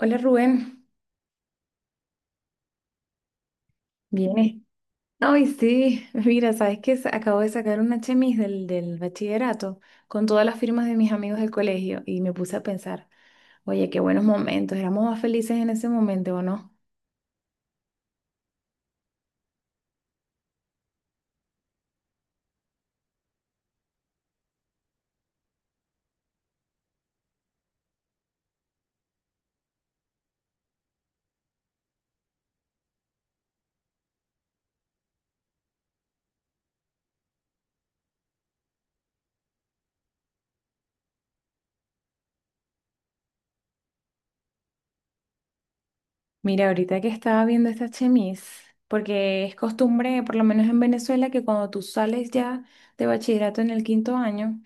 Hola Rubén, ¿vienes? Ay, sí, mira, sabes que acabo de sacar una chemis del bachillerato con todas las firmas de mis amigos del colegio y me puse a pensar, oye, qué buenos momentos, éramos más felices en ese momento, ¿o no? Mira, ahorita que estaba viendo esta chemis, porque es costumbre, por lo menos en Venezuela, que cuando tú sales ya de bachillerato en el quinto año.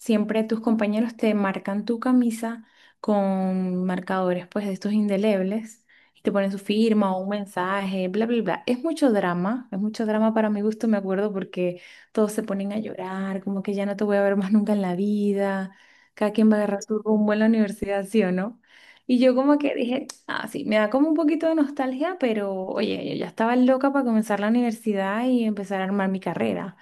Siempre tus compañeros te marcan tu camisa con marcadores, pues, de estos indelebles y te ponen su firma o un mensaje, bla, bla, bla. Es mucho drama para mi gusto, me acuerdo, porque todos se ponen a llorar, como que ya no te voy a ver más nunca en la vida. Cada quien va a agarrar su rumbo en la universidad, ¿sí o no? Y yo como que dije, ah, sí, me da como un poquito de nostalgia, pero oye, yo ya estaba loca para comenzar la universidad y empezar a armar mi carrera.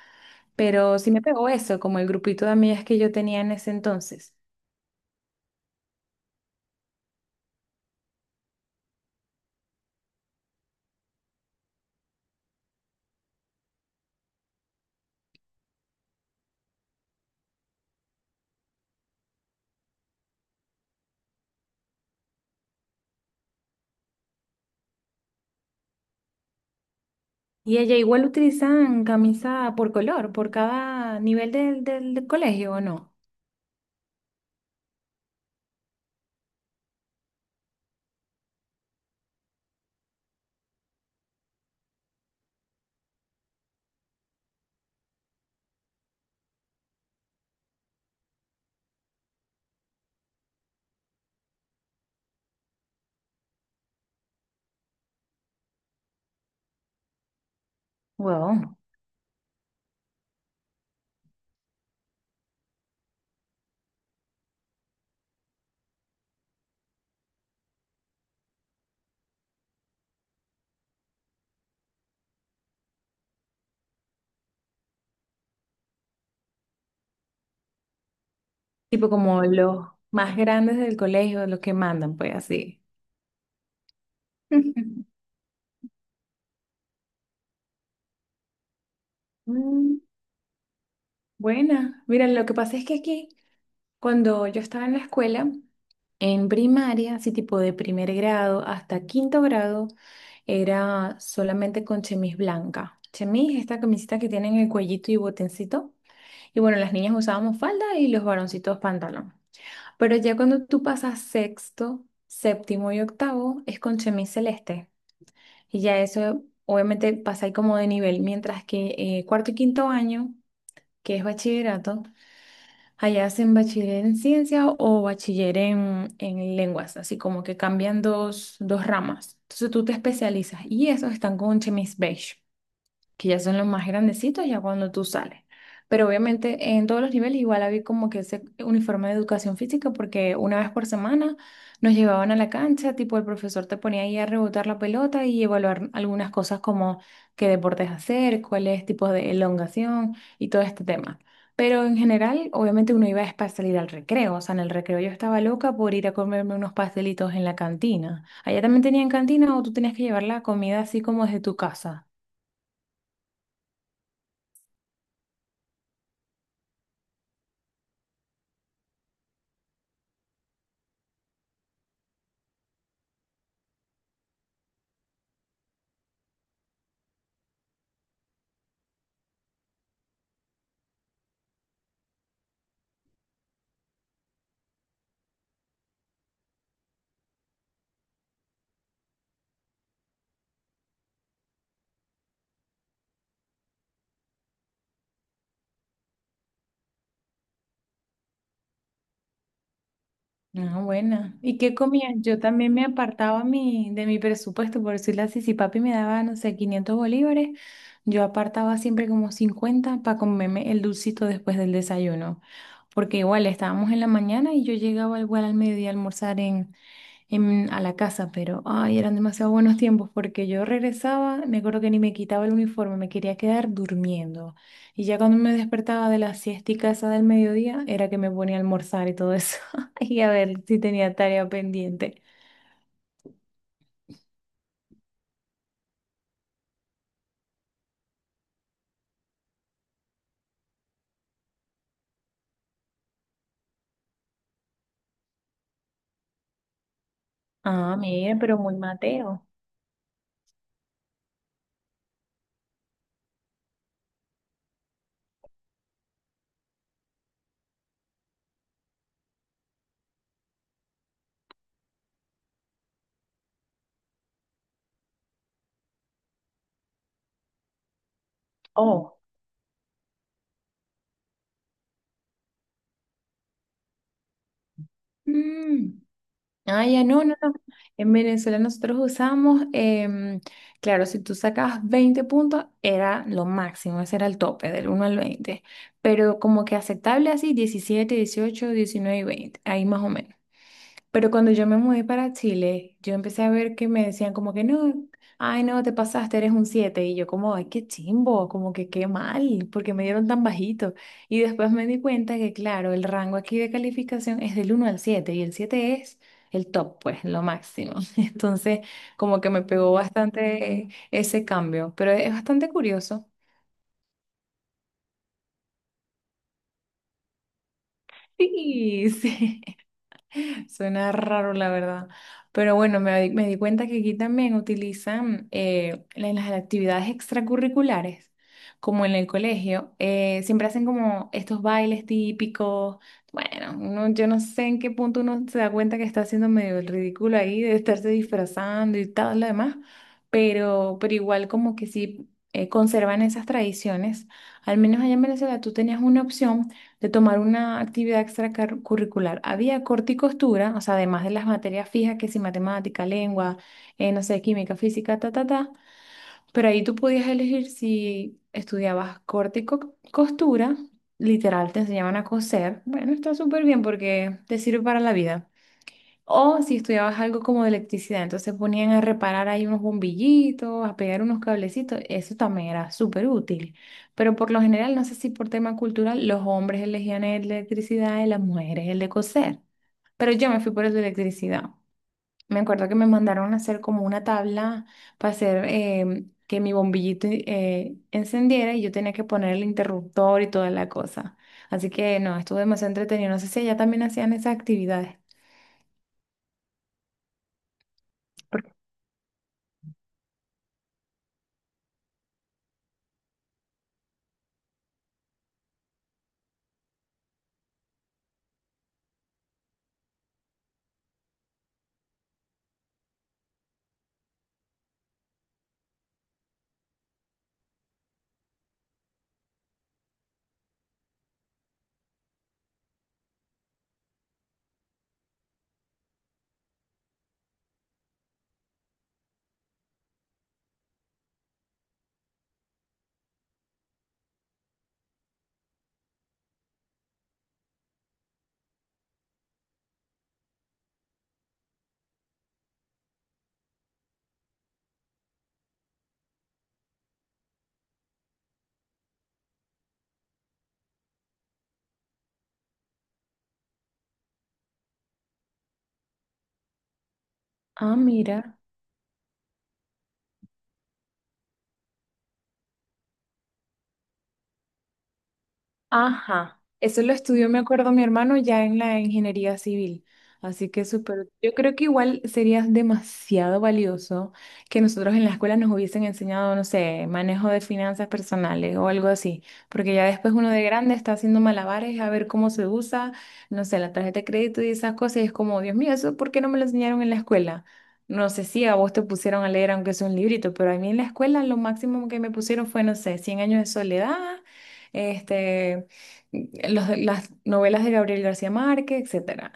Pero sí me pegó eso, como el grupito de amigas que yo tenía en ese entonces. Y ella igual utilizan camisa por color, por cada nivel del colegio, ¿o no? Wow. Tipo como los más grandes del colegio, los que mandan, pues así. Mm, buena. Mira, lo que pasa es que aquí. Cuando yo estaba en la escuela, en primaria, así tipo de primer grado hasta quinto grado, era solamente con chemis blanca. Chemis, esta camisita que tienen el cuellito y botoncito. Y bueno, las niñas usábamos falda y los varoncitos pantalón. Pero ya cuando tú pasas sexto, séptimo y octavo, es con chemis celeste. Y ya eso, obviamente, pasa ahí como de nivel. Mientras que cuarto y quinto año, que es bachillerato, allá hacen bachiller en ciencia o bachiller en lenguas, así como que cambian dos ramas. Entonces tú te especializas y esos están con un chemis beige que ya son los más grandecitos, ya cuando tú sales. Pero obviamente en todos los niveles igual había como que ese uniforme de educación física porque una vez por semana nos llevaban a la cancha, tipo el profesor te ponía ahí a rebotar la pelota y evaluar algunas cosas como qué deportes hacer, cuáles tipos de elongación y todo este tema. Pero en general, obviamente uno iba es para salir al recreo, o sea, en el recreo yo estaba loca por ir a comerme unos pastelitos en la cantina. ¿Allá también tenían cantina o tú tenías que llevar la comida así como desde tu casa? Ah, buena. ¿Y qué comías? Yo también me apartaba mi, de mi presupuesto, por decirlo así, si papi me daba, no sé, 500 bolívares, yo apartaba siempre como 50 para comerme el dulcito después del desayuno, porque igual estábamos en la mañana y yo llegaba igual al mediodía a almorzar a la casa, pero ay, eran demasiado buenos tiempos porque yo regresaba, me acuerdo que ni me quitaba el uniforme, me quería quedar durmiendo. Y ya cuando me despertaba de la siestica esa del mediodía, era que me ponía a almorzar y todo eso, y a ver si tenía tarea pendiente. Ah, mira, pero muy Mateo. Oh. Mm. Ah, ya no, no, no. En Venezuela nosotros usamos, claro, si tú sacabas 20 puntos, era lo máximo, ese era el tope, del uno al 20. Pero como que aceptable así, 17, 18, 19 y 20 ahí más o menos. Pero cuando yo me mudé para Chile, yo empecé a ver que me decían como que no, ay no, te pasaste, eres un siete. Y yo como, ay, qué chimbo, como que qué mal, porque me dieron tan bajito. Y después me di cuenta que, claro, el rango aquí de calificación es del uno al 7 y el 7 es el top, pues, lo máximo. Entonces, como que me pegó bastante ese cambio, pero es bastante curioso. Sí, sí. Suena raro, la verdad. Pero bueno, me di cuenta que aquí también utilizan en las actividades extracurriculares, como en el colegio, siempre hacen como estos bailes típicos. Bueno, yo no sé en qué punto uno se da cuenta que está haciendo medio el ridículo ahí de estarse disfrazando y todo lo demás, pero igual como que sí conservan esas tradiciones. Al menos allá en Venezuela tú tenías una opción de tomar una actividad extracurricular. Había corte y costura, o sea, además de las materias fijas, que si matemática, lengua, no sé, química, física, ta, ta, ta, pero ahí tú podías elegir si estudiabas corte y costura, literal, te enseñaban a coser. Bueno, está súper bien porque te sirve para la vida. O si estudiabas algo como de electricidad, entonces ponían a reparar ahí unos bombillitos, a pegar unos cablecitos, eso también era súper útil. Pero por lo general, no sé si por tema cultural, los hombres elegían el de electricidad y las mujeres el de coser. Pero yo me fui por el de electricidad. Me acuerdo que me mandaron a hacer como una tabla para hacer que mi bombillito encendiera y yo tenía que poner el interruptor y toda la cosa. Así que no, estuvo demasiado entretenido. No sé si allá también hacían esas actividades. Porque- Ah, mira. Ajá, eso lo estudió, me acuerdo, mi hermano ya en la ingeniería civil. Así que súper, yo creo que igual sería demasiado valioso que nosotros en la escuela nos hubiesen enseñado, no sé, manejo de finanzas personales o algo así, porque ya después uno de grande está haciendo malabares a ver cómo se usa, no sé, la tarjeta de crédito y esas cosas, y es como, Dios mío, ¿eso por qué no me lo enseñaron en la escuela? No sé si a vos te pusieron a leer aunque sea un librito, pero a mí en la escuela lo máximo que me pusieron fue, no sé, Cien años de soledad. Este, las novelas de Gabriel García Márquez, etcétera.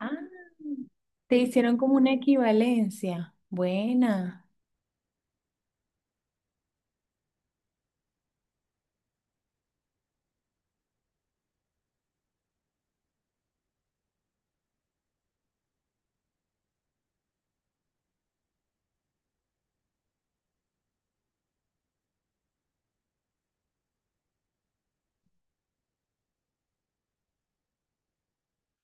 Ah, te hicieron como una equivalencia. Buena.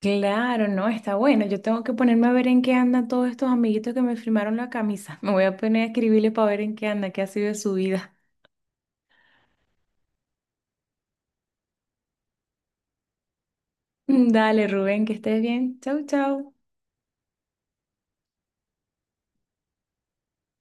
Claro, no, está bueno. Yo tengo que ponerme a ver en qué andan todos estos amiguitos que me firmaron la camisa. Me voy a poner a escribirle para ver en qué anda, qué ha sido de su vida. Dale, Rubén, que estés bien. Chau, chau.